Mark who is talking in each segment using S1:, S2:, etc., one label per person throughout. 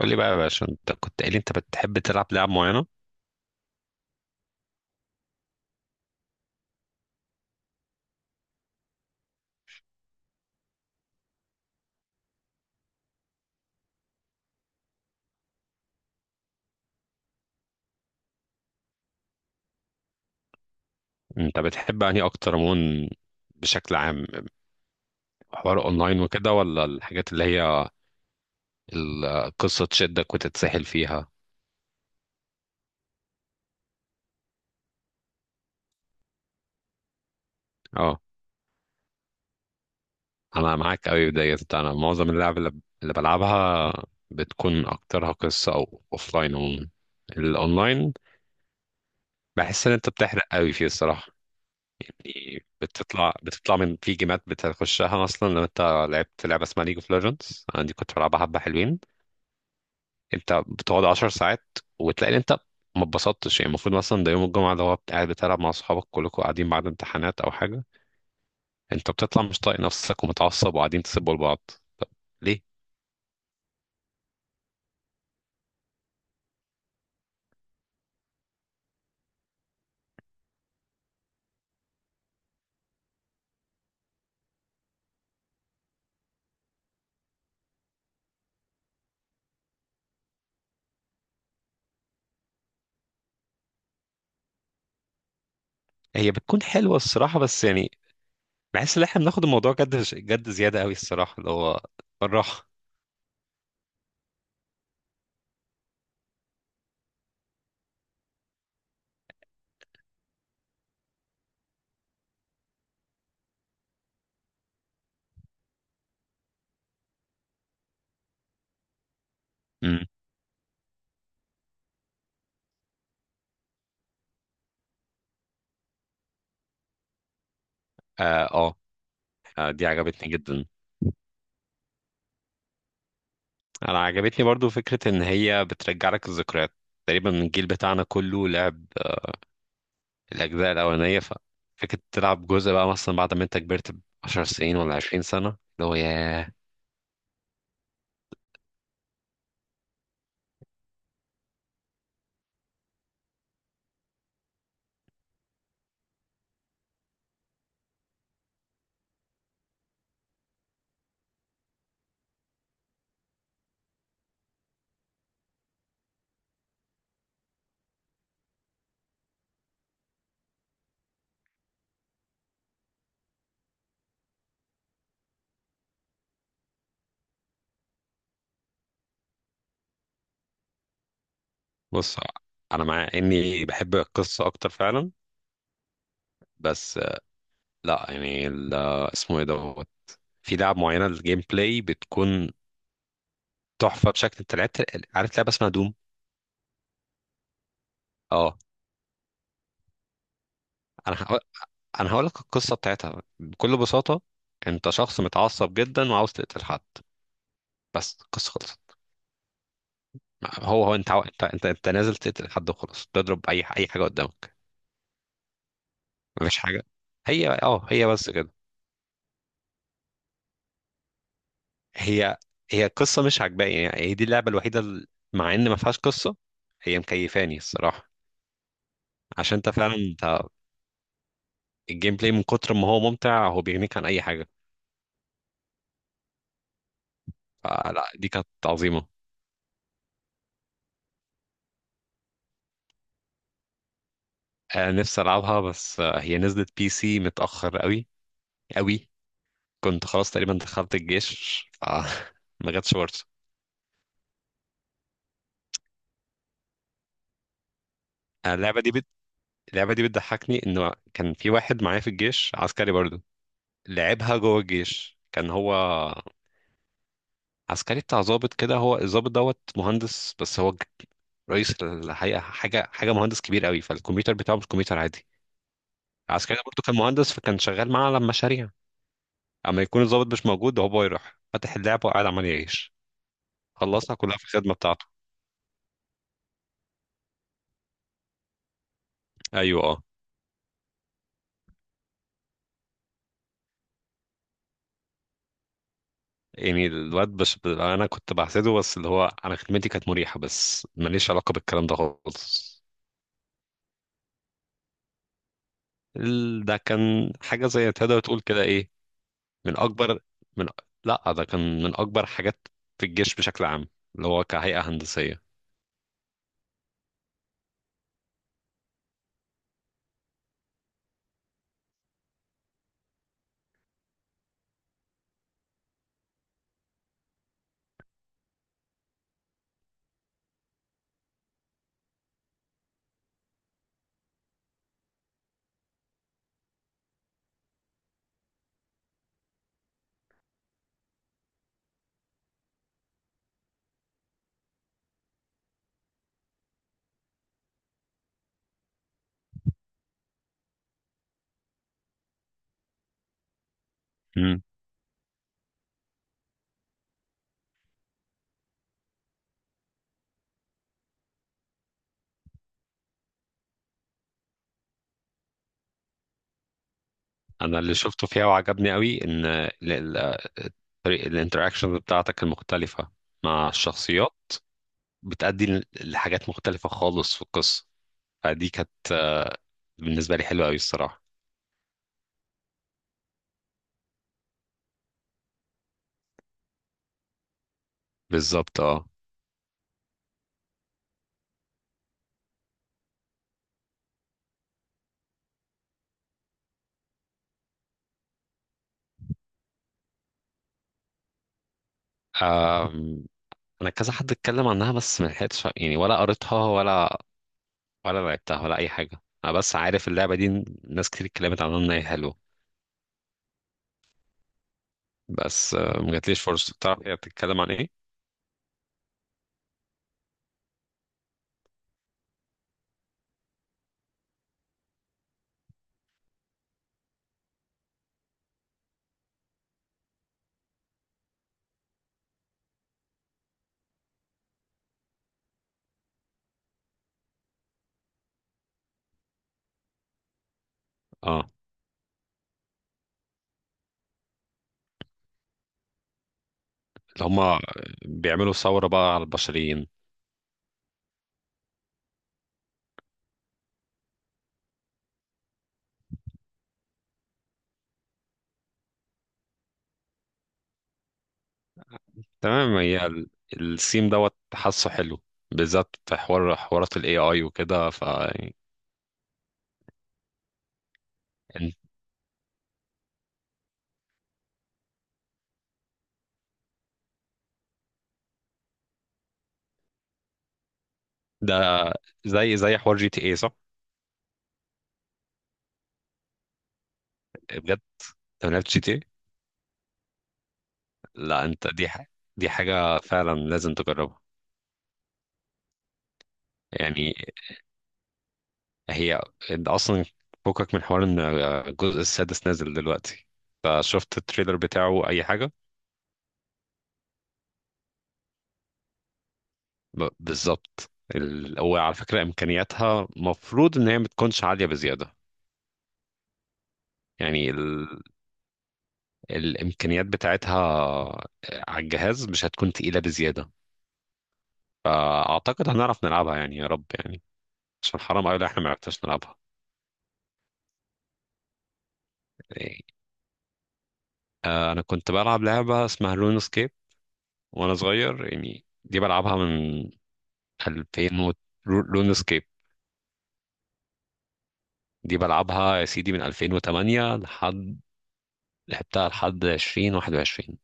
S1: قول لي بقى يا باشا، انت كنت قايل لي انت بتحب تلعب لعب معينة. انت بتحب انهي اكتر عموما؟ بشكل عام، حوار اونلاين وكده ولا الحاجات اللي هي القصة تشدك وتتسحل فيها؟ اه، انا معاك قوي ديت. انا معظم اللعب اللي بلعبها بتكون اكترها قصة او اوفلاين. عموما الاونلاين بحس ان انت بتحرق قوي فيه الصراحة. يعني بتطلع من في جيمات بتخشها اصلا. لو انت لعبت لعبة اسمها ليج اوف ليجندز، انا دي كنت بلعبها حبة حلوين. انت بتقعد 10 ساعات وتلاقي ان انت ما اتبسطتش. يعني المفروض مثلا ده يوم الجمعه، ده هو قاعد بتلعب مع اصحابك، كلكم قاعدين بعد امتحانات او حاجه، انت بتطلع مش طايق نفسك ومتعصب وقاعدين تسبوا لبعض. طب ليه؟ هي بتكون حلوه الصراحه، بس يعني بحس ان احنا بناخد الموضوع جد جد زياده قوي الصراحه، اللي هو بالراحه. امم. آه، اه. اه، دي عجبتني جدا. انا عجبتني برضو فكره ان هي بترجع لك الذكريات. تقريبا الجيل بتاعنا كله لعب الأجزاء الأولانية، ففكرة تلعب جزء بقى مثلا بعد ما أنت كبرت ب10 سنين ولا 20 سنة، اللي هو ياه. بص، أنا مع إني بحب القصة أكتر فعلا. بس لأ يعني اسمه إيه دوت، في لعب معينة الجيم بلاي بتكون تحفة، بشكل أنت لعبت. عارف لعبة اسمها دوم؟ أه. أنا هقول أنا هقول لك القصة بتاعتها بكل بساطة. أنت شخص متعصب جدا وعاوز تقتل حد، بس القصة خلصت. هو أنت عاو- أنت أنت أنت نازل تقتل حد وخلاص، تضرب أي حاجة قدامك. مفيش حاجه، هي بس كده. هي هي القصه مش عجباني، يعني هي دي اللعبه الوحيده مع ان ما فيهاش قصه، هي مكيفاني الصراحه. عشان انت فعلا انت الجيم بلاي من كتر ما هو ممتع هو بيغنيك عن اي حاجه. فلا، دي كانت عظيمه. نفسي العبها، بس هي نزلت بي سي متاخر قوي قوي. كنت خلاص تقريبا دخلت الجيش، ف ما جاتش فرصه. آه، اللعبه دي بت... اللعبه دي بتضحكني انه كان في واحد معايا في الجيش، عسكري برضه لعبها جوه الجيش. كان هو عسكري بتاع ضابط كده، هو الضابط دوت مهندس، بس هو رئيس الحقيقة، حاجة مهندس كبير قوي، فالكمبيوتر بتاعه مش كمبيوتر عادي. العسكري ده برضه كان مهندس، فكان شغال معاه على مشاريع. اما يكون الضابط مش موجود، هو يروح فاتح اللعبة وقاعد عمال يعيش. خلصها كلها في الخدمة بتاعته. ايوه اه. يعني الواد بش انا كنت بحسده، بس اللي هو انا خدمتي كانت مريحة، بس ماليش علاقة بالكلام ده خالص. ده كان حاجة زي تقدر تقول كده ايه، من اكبر من لا ده كان من اكبر حاجات في الجيش بشكل عام، اللي هو كهيئة هندسية. مم. انا اللي شفته فيها وعجبني قوي ان طريقة الانتراكشن بتاعتك المختلفة مع الشخصيات بتأدي لحاجات مختلفة خالص في القصة. فدي كانت بالنسبة لي حلوة قوي الصراحة. بالظبط اه. آم. انا كذا حد اتكلم عنها، بس ما لحقتش يعني، ولا قريتها ولا لعبتها ولا اي حاجة. انا بس عارف اللعبة دي ناس كتير اتكلمت عنها ان هي حلوة. بس ما جاتليش فرصة. تعرف هي بتتكلم عن ايه؟ اه. اللي هما بيعملوا ثورة بقى على البشريين. تمام، هي السيم دوت حاسه حلو، بالذات في حوارات الاي اي وكده، ف يعني إن- ده زي حوار جي تي اي صح؟ بجد، انت ما لعبتش جي تي اي؟ لا، انت دي حاجة فعلا لازم تجربها يعني. هي انت اصلا فكك من حوار ان الجزء السادس نازل دلوقتي، فشفت التريلر بتاعه اي حاجة. بالظبط. هو على فكرة إمكانياتها مفروض إن هي ما تكونش عالية بزيادة. يعني الإمكانيات بتاعتها على الجهاز مش هتكون تقيلة بزيادة، فأعتقد هنعرف نلعبها يعني، يا رب يعني، عشان حرام أوي لو إحنا ما عرفناش نلعبها. يعني أنا كنت بلعب لعبة اسمها لون سكيب وأنا صغير، يعني دي بلعبها من 2000 و... لون سكيب دي بلعبها يا سيدي من 2008 لحد، لعبتها لحد 2021.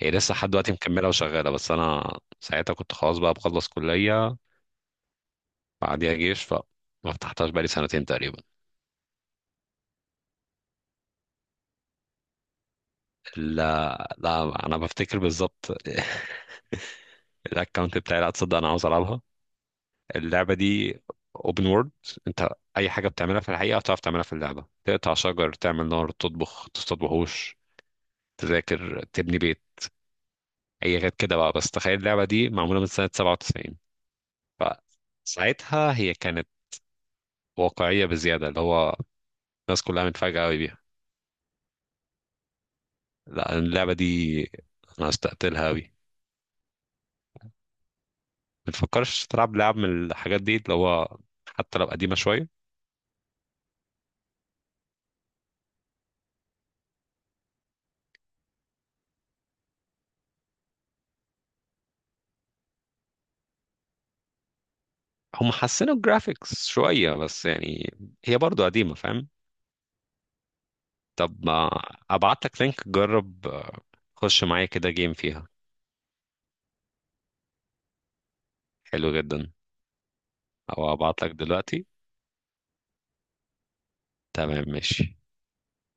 S1: هي لسه لحد دلوقتي مكملة وشغالة، بس أنا ساعتها كنت خلاص بقى بخلص كلية، بعديها جيش، فما فتحتهاش بقالي سنتين تقريبا. لا لا، أنا بفتكر بالظبط الأكونت بتاعي. لا تصدق، أنا عاوز ألعبها اللعبة دي. اوبن وورلد، انت اي حاجه بتعملها في الحقيقه هتعرف تعملها في اللعبه، تقطع شجر، تعمل نار، تطبخ، تصطاد وحوش، تذاكر، تبني بيت، اي حاجات كده بقى. بس تخيل اللعبه دي معموله من سنه 97، فساعتها هي كانت واقعيه بزياده، اللي هو الناس كلها متفاجئه قوي. لا، اللعبة دي أنا هستقتلها أوي. ما تفكرش تلعب لعب من الحاجات دي، اللي هو حتى لو قديمة شوية هم حسنوا الجرافيكس شوية، بس يعني هي برضو قديمة فاهم. طب ما أبعت لك لينك، جرب خش معايا كده جيم فيها. حلو جدا. أو أبعت لك دلوقتي. تمام ماشي.